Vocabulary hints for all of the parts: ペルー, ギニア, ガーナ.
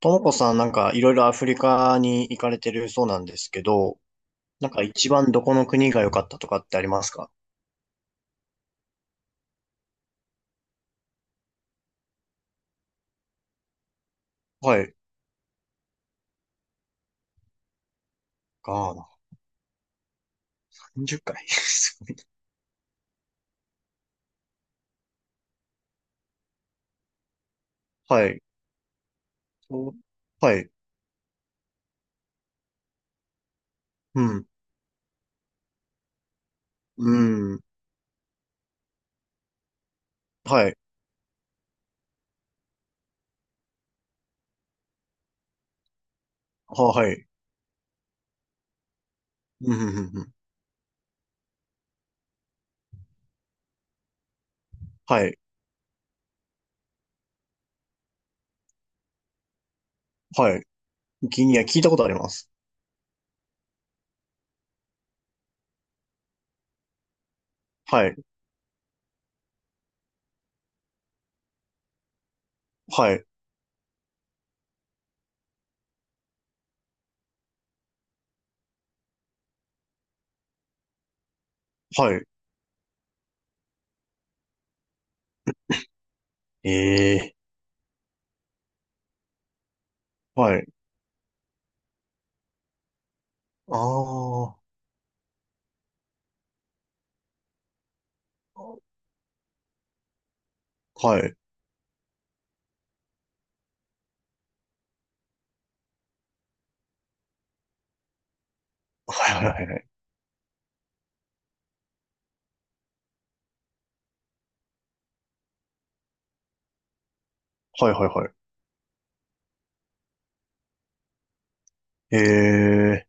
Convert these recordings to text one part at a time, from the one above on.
ともこさん、なんかいろいろアフリカに行かれてるそうなんですけど、なんか一番どこの国が良かったとかってありますか？はい。ガーナ。0回。はい。お、はい。うん。うん。はい。は、はい。うん、うん、うん。うん、はい。はい。ギニア聞いたことあります。はい。はい。はい。ええー。はい。ああ。はい。はい、はい、はい。はい、はい、はい。え、え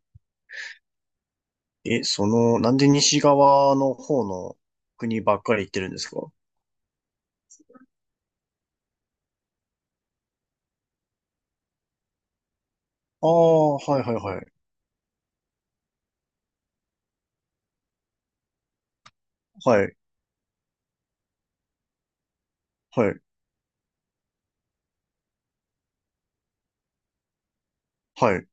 え、その、なんで西側の方の国ばっかり行ってるんですか？ああ、はいはいはい。はい、はい、はい、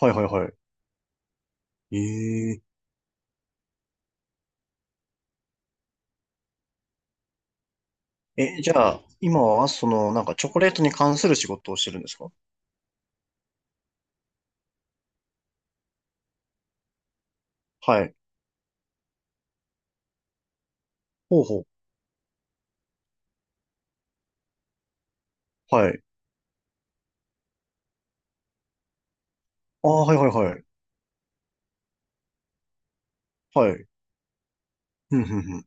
はいはいはい。え、ええ、じゃあ、今は、その、なんかチョコレートに関する仕事をしてるんですか？はい。ほうほう。はい。ああ、はいはいはい。はい。ふんふんふん。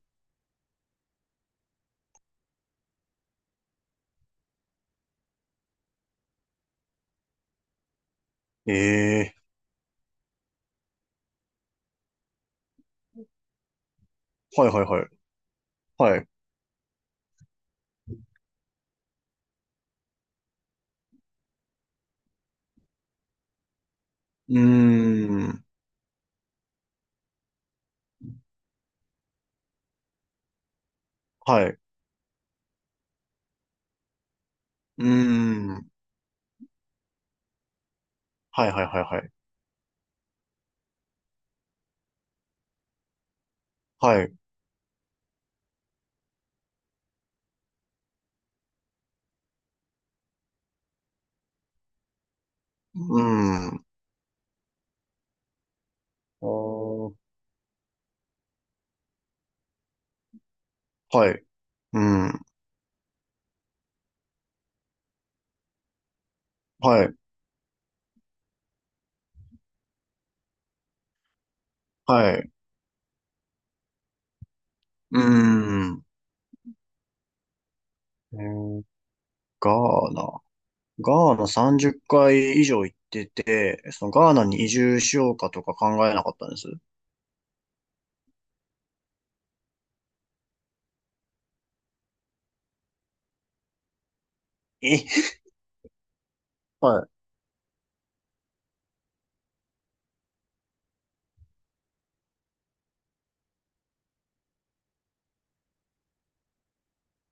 ええ、はいはいはい。はい。うーん。はい。うーん。はいはいはいはい。はい。うーん。あー、はい。うーん。はい。はい。うーん。えー、ガーナ。ガーナ30回以上行ってて、そのガーナに移住しようかとか考えなかったんです。え、は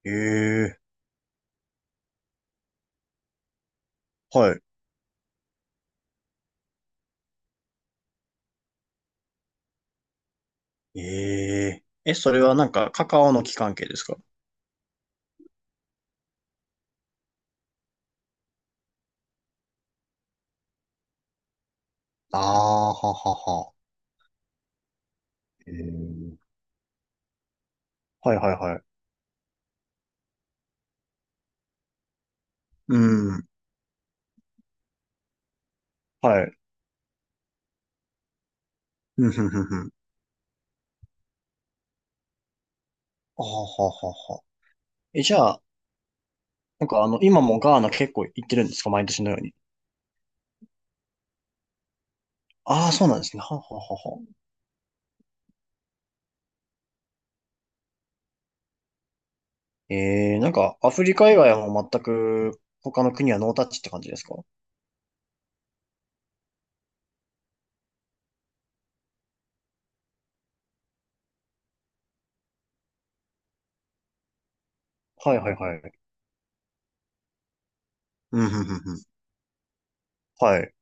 い。えー、はい。えー、え、それはなんかカカオの木関係ですか？ああー、ははは。えー、はいはいはい。うん。はい。うん、ふんふんふん。あはははは。え、じゃあ、なんかあの、今もガーナ結構行ってるんですか？毎年のように。ああ、そうなんですね。はははは。えー、なんか、アフリカ以外はもう全く他の国はノータッチって感じですか？はいはいはい。うん、うん、うん、うん。はい。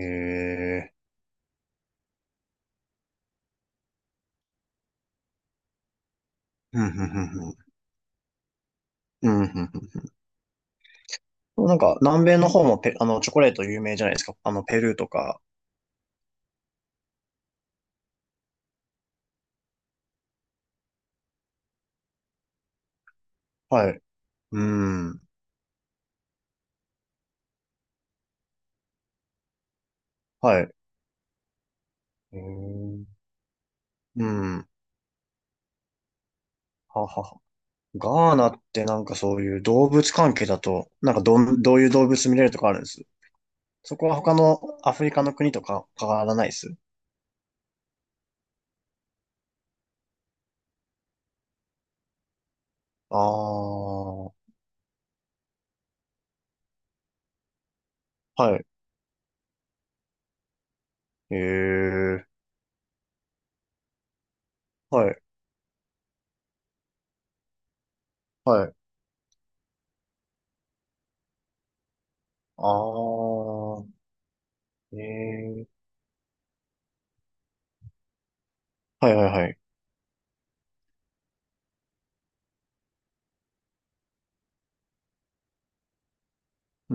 えー、うん、うん、うん、うん。うん、うん、うん。なんか、南米の方もペ、あの、チョコレート有名じゃないですか。あの、ペルーとか。はい。うん。はい。えー、うん。ははは。ガーナってなんかそういう動物関係だと、なんかどん、どういう動物見れるとかあるんです？そこは他のアフリカの国とか変わらないです。ああー、はい。ええ、はい、はい。ああ、ええ、はいはいはい。う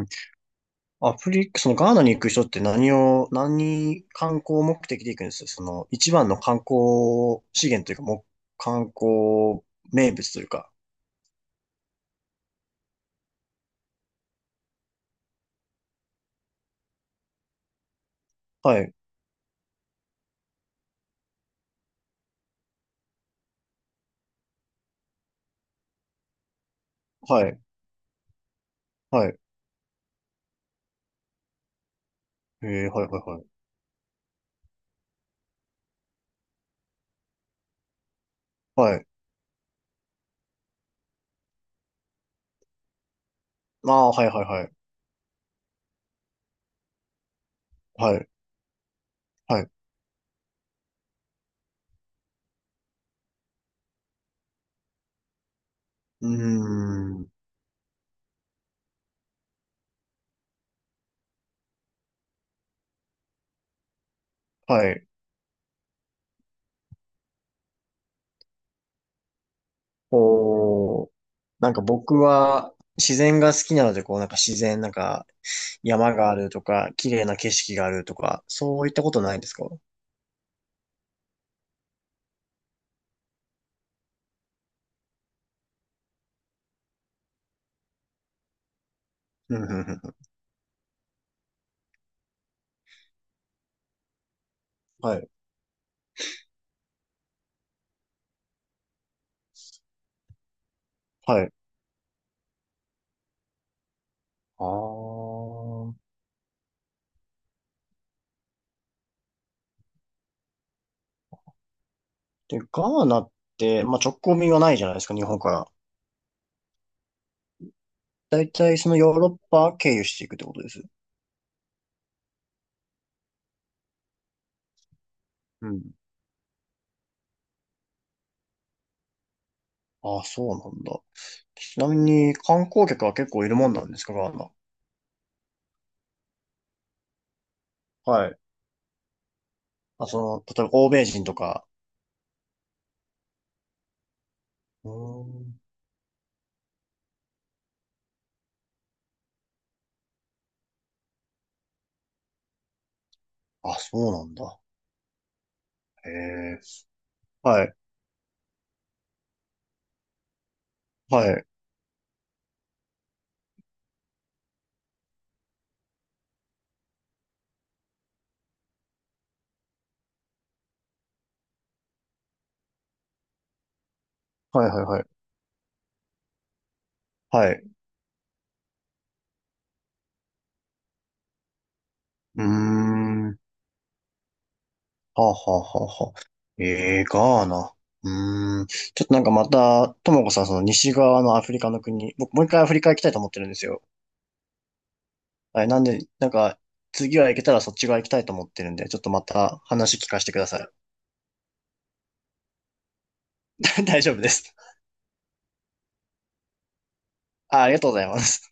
ーん。アフリカ、そのガーナに行く人って何を、何観光目的で行くんです？その一番の観光資源というか、もう観光名物というか。はい、はい、はい。ええ、はいはいはい。はい。ああ、はいはいはい。はい、はい。うーん。はい。こう、なんか僕は自然が好きなので、こうなんか自然、なんか、山があるとか、綺麗な景色があるとか、そういったことないんですか？うんうんうん、はい。はい。ああ。で、ガーナって、まあ、直行便はないじゃないですか、日本から。だいたいそのヨーロッパ経由していくってことです。うん。ああ、そうなんだ。ちなみに観光客は結構いるもんなんですか、ガーナ。はい。あ、その、例えば欧米人とか。うーん。あ、そうなんだ。へえ。はい。はい。はいはいはい。はい。うーん。はあ、はあ、はあ、はあ。え、え、ガーナ。うーん。ちょっとなんかまた、ともこさん、その西側のアフリカの国、僕もう一回アフリカ行きたいと思ってるんですよ。はい、なんで、なんか、次は行けたらそっち側行きたいと思ってるんで、ちょっとまた話聞かせてください。大丈夫です。あ、ありがとうございます。